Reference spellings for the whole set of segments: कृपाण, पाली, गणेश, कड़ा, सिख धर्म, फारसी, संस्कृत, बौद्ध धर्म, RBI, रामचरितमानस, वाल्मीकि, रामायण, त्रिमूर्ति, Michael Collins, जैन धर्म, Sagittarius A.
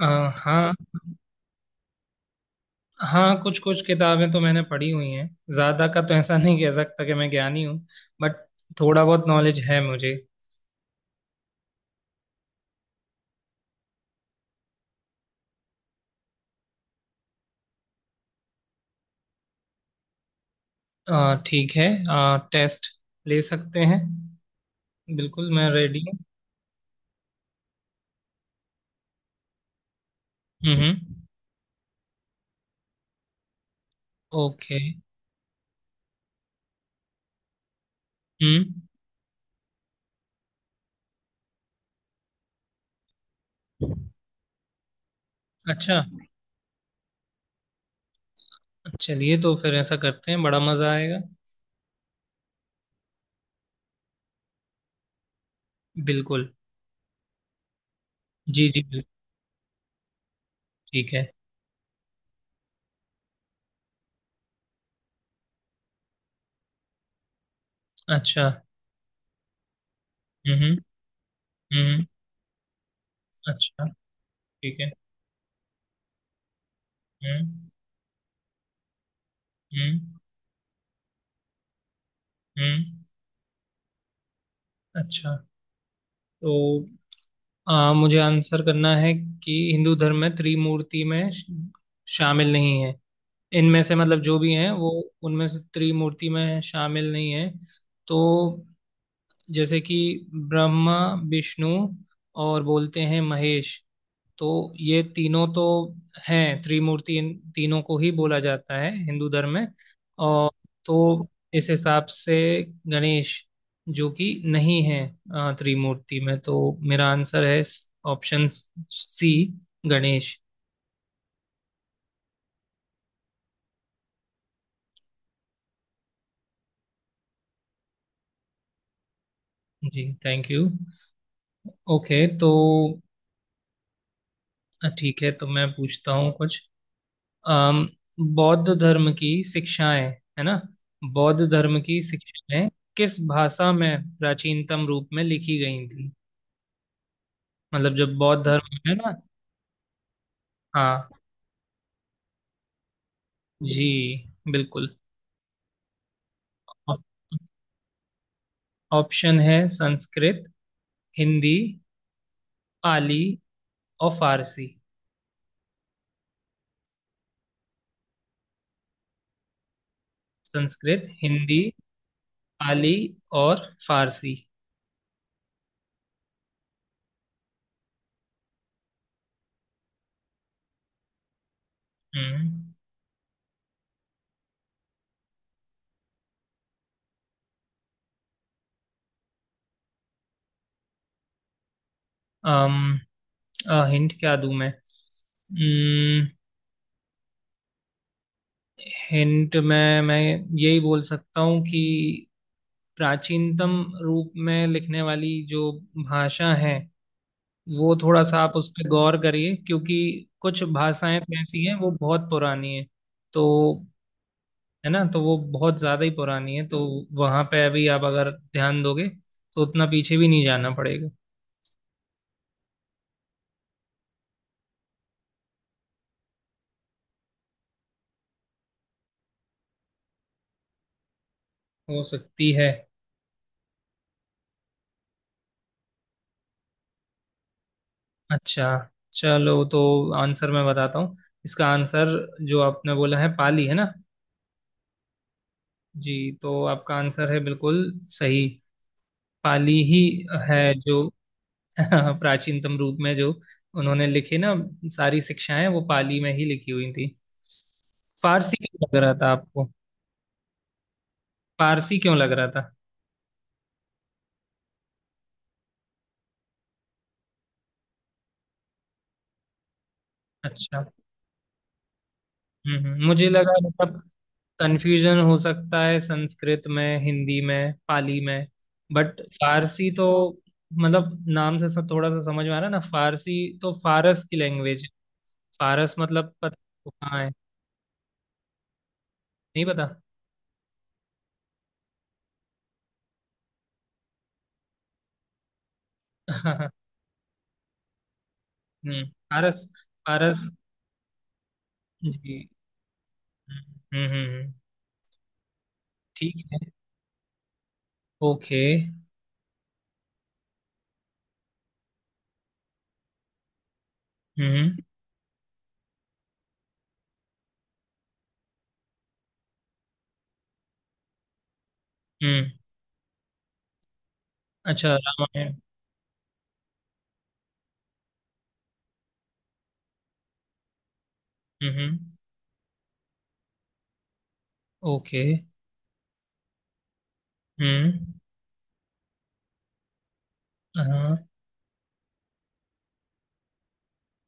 अ, हाँ। हाँ, कुछ कुछ किताबें तो मैंने पढ़ी हुई हैं। ज्यादा का तो ऐसा नहीं कह सकता कि मैं ज्ञानी हूँ। बट थोड़ा बहुत नॉलेज है मुझे। ठीक है। टेस्ट ले सकते हैं। बिल्कुल मैं रेडी हूँ। हम्म। ओके। हम्म। अच्छा। चलिए तो फिर ऐसा करते हैं, बड़ा मजा आएगा। बिल्कुल। जी जी, बिल्कुल। ठीक है। अच्छा। हम्म, हम्म, अच्छा, ठीक है। हम्म, हम्म, हम्म, अच्छा। तो मुझे आंसर करना है कि हिंदू धर्म में त्रिमूर्ति में श- शामिल नहीं है इनमें से, मतलब जो भी हैं वो उनमें से त्रिमूर्ति में शामिल नहीं है। तो जैसे कि ब्रह्मा, विष्णु और बोलते हैं महेश, तो ये तीनों तो हैं त्रिमूर्ति, इन तीनों को ही बोला जाता है हिंदू धर्म में। और तो इस हिसाब से गणेश जो कि नहीं है त्रिमूर्ति में, तो मेरा आंसर है option C, गणेश। Ji, thank you. Okay तो ठीक है। तो मैं पूछता हूँ कुछ। अम, बौद्ध धर्म की शिक्षाएं, है ना, बौद्ध धर्म की शिक्षाएं किस भाषा में प्राचीनतम रूप में लिखी गई थी, मतलब जब बौद्ध धर्म है ना। हाँ, जी, बिल्कुल। ऑप- ऑप्शन है संस्कृत, हिंदी, पाली और फारसी। संस्कृत, हिंदी, पाली और फारसी। हम्म। अम हिंट क्या दूं मैं। हम्म, हिंट में मैं यही बोल सकता हूँ कि प्राचीनतम रूप में लिखने वाली जो भाषा है, वो थोड़ा सा आप उस पर गौर करिए, क्योंकि कुछ भाषाएं तो ऐसी हैं वो बहुत पुरानी हैं। तो है ना, तो वो बहुत ज़्यादा ही पुरानी है, तो वहाँ पे अभी आप अगर ध्यान दोगे तो उतना पीछे भी नहीं जाना पड़ेगा। हो सकती है। अच्छा चलो, तो आंसर मैं बताता हूँ। इसका आंसर जो आपने बोला है पाली, है ना। जी, तो आपका आंसर है बिल्कुल सही, पाली ही है जो प्राचीनतम रूप में, जो उन्होंने लिखे ना सारी शिक्षाएं, वो पाली में ही लिखी हुई थी। फारसी क्यों लग रहा था आपको? फारसी क्यों लग रहा था? अच्छा। हम्म, मुझे लगा, मतलब कंफ्यूजन हो सकता है संस्कृत में, हिंदी में, पाली में, बट फारसी तो, मतलब नाम से थोड़ा सा समझ में आ रहा है ना। फारसी तो फारस की लैंग्वेज। फारस मतलब, पता वो कहाँ है? नहीं पता। हम्म। फारस। फारस। जी। हम्म, हम्म, ठीक है। ओके। हम्म, हम्म, अच्छा। रामायण। हम्म। ओके। हम्म। हाँ।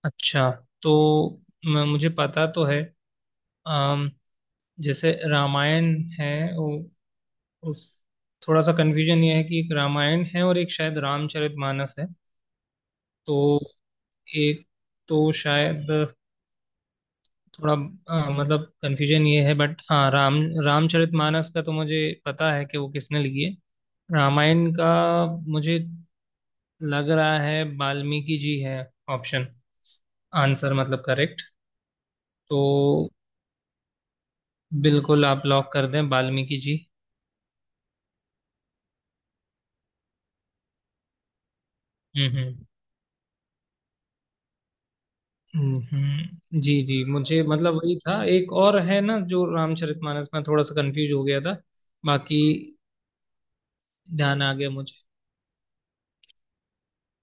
अच्छा। तो मुझे पता तो है। अम, जैसे रामायण है, उ, उस थोड़ा सा कन्फ्यूजन ये है कि एक रामायण है और एक शायद रामचरितमानस है। तो एक तो शायद थोड़ा मतलब कन्फ्यूजन ये है, बट हाँ, रामचरितमानस का तो मुझे पता है कि वो किसने लिखी है। रामायण का मुझे लग रहा है वाल्मीकि जी है, ऑप्शन, आंसर मतलब करेक्ट। तो बिल्कुल आप लॉक कर दें, वाल्मीकि जी। हम्म, हम्म, जी जी, मुझे मतलब वही था, एक और है ना जो रामचरितमानस, में थोड़ा सा कंफ्यूज हो गया था। बाकी ध्यान आ गया मुझे।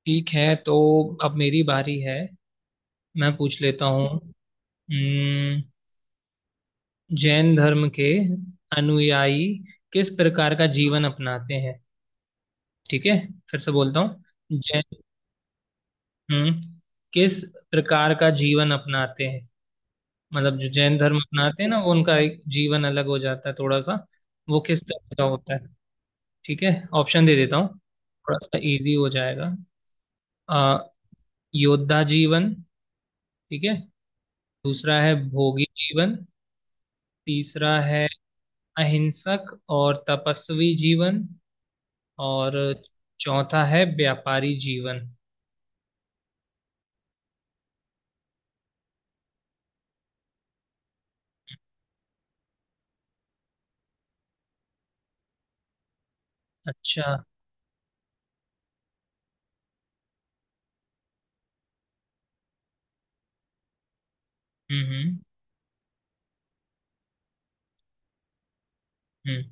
ठीक है, तो अब मेरी बारी है, मैं पूछ लेता हूँ। हम्म, जैन धर्म के अनुयायी किस प्रकार का जीवन अपनाते हैं। ठीक है, फिर से बोलता हूँ। जैन, हम्म, किस प्रकार का जीवन अपनाते हैं, मतलब जो जैन धर्म अपनाते हैं ना वो उनका एक जीवन अलग हो जाता है थोड़ा सा, वो किस तरह का होता है। ठीक है, ऑप्शन दे देता हूँ, थोड़ा सा इजी हो जाएगा। आ, योद्धा जीवन, ठीक है। दूसरा है भोगी जीवन। तीसरा है अहिंसक और तपस्वी जीवन। और चौथा है व्यापारी जीवन। अच्छा। हम्म, हम्म, हम्म,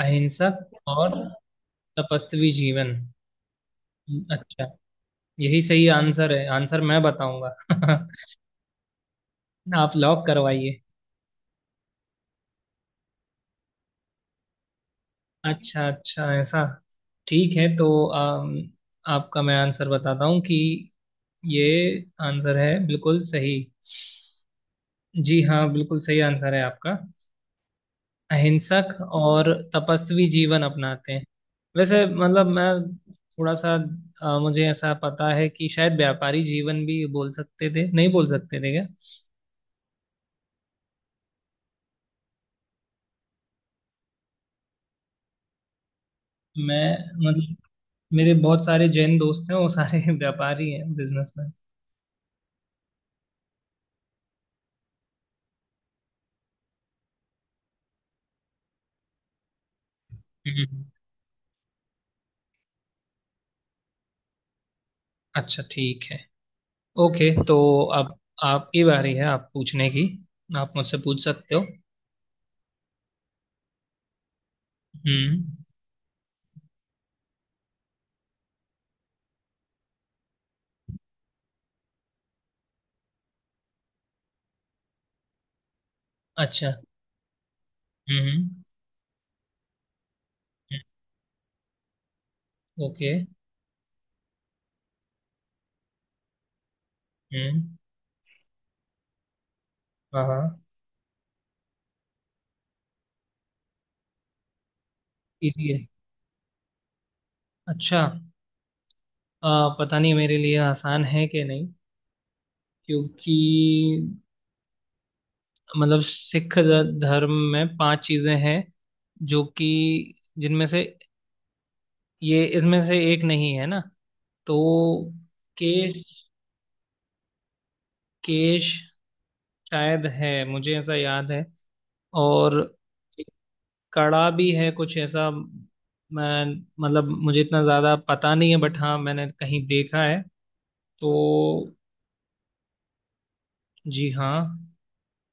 अहिंसक और तपस्वी जीवन। अच्छा, यही सही आंसर है, आंसर मैं बताऊंगा आप लॉक करवाइए। अच्छा अच्छा ऐसा, ठीक है। तो आपका मैं आंसर बताता हूँ कि ये आंसर है बिल्कुल सही। जी हाँ, बिल्कुल सही आंसर है आपका, अहिंसक और तपस्वी जीवन अपनाते हैं। वैसे मतलब मैं थोड़ा सा, मुझे ऐसा पता है कि शायद व्यापारी जीवन भी बोल सकते थे, नहीं बोल सकते थे क्या? मैं मतलब, मेरे बहुत सारे जैन दोस्त हैं वो सारे व्यापारी हैं, बिजनेसमैन। हम्म, अच्छा, ठीक है। ओके। तो अब आपकी बारी है आप पूछने की, आप मुझसे पूछ सकते हो। हम्म। अच्छा। हम्म, हम्म, ओके। हम्म। हाँ हाँ, इजी है। अच्छा, पता नहीं मेरे लिए आसान है कि नहीं, क्योंकि मतलब सिख धर्म में पांच चीजें हैं जो कि, जिनमें से ये, इसमें से एक नहीं है ना। तो केश, केश शायद है, मुझे ऐसा याद है। और एक कड़ा भी है कुछ ऐसा, मैं मतलब, मुझे इतना ज्यादा पता नहीं है, बट हाँ मैंने कहीं देखा है। तो जी हाँ,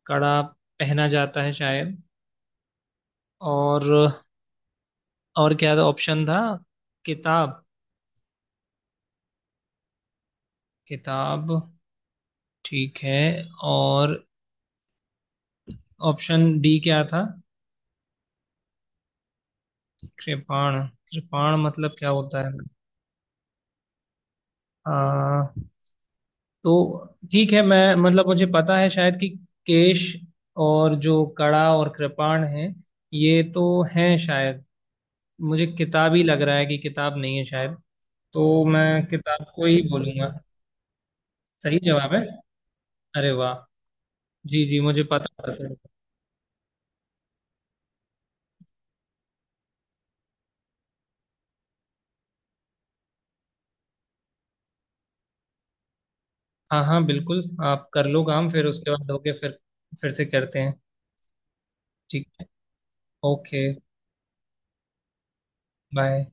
कड़ा पहना जाता है शायद। और और क्या ऑप्शन था? किताब। किताब, ठीक है। और ऑप्शन डी क्या था? कृपाण। कृपाण मतलब क्या होता है? आ, तो ठीक है, मैं मतलब मुझे पता है शायद कि केश, और जो कड़ा और कृपाण है, ये तो हैं शायद, मुझे किताब ही लग रहा है कि किताब नहीं है शायद। तो मैं किताब को ही बोलूंगा। सही जवाब है, अरे वाह। जी जी, मुझे पता था। हाँ हाँ बिल्कुल, आप कर लो काम, फिर उसके बाद होके फिर से करते हैं। ठीक है। ओके। बाय।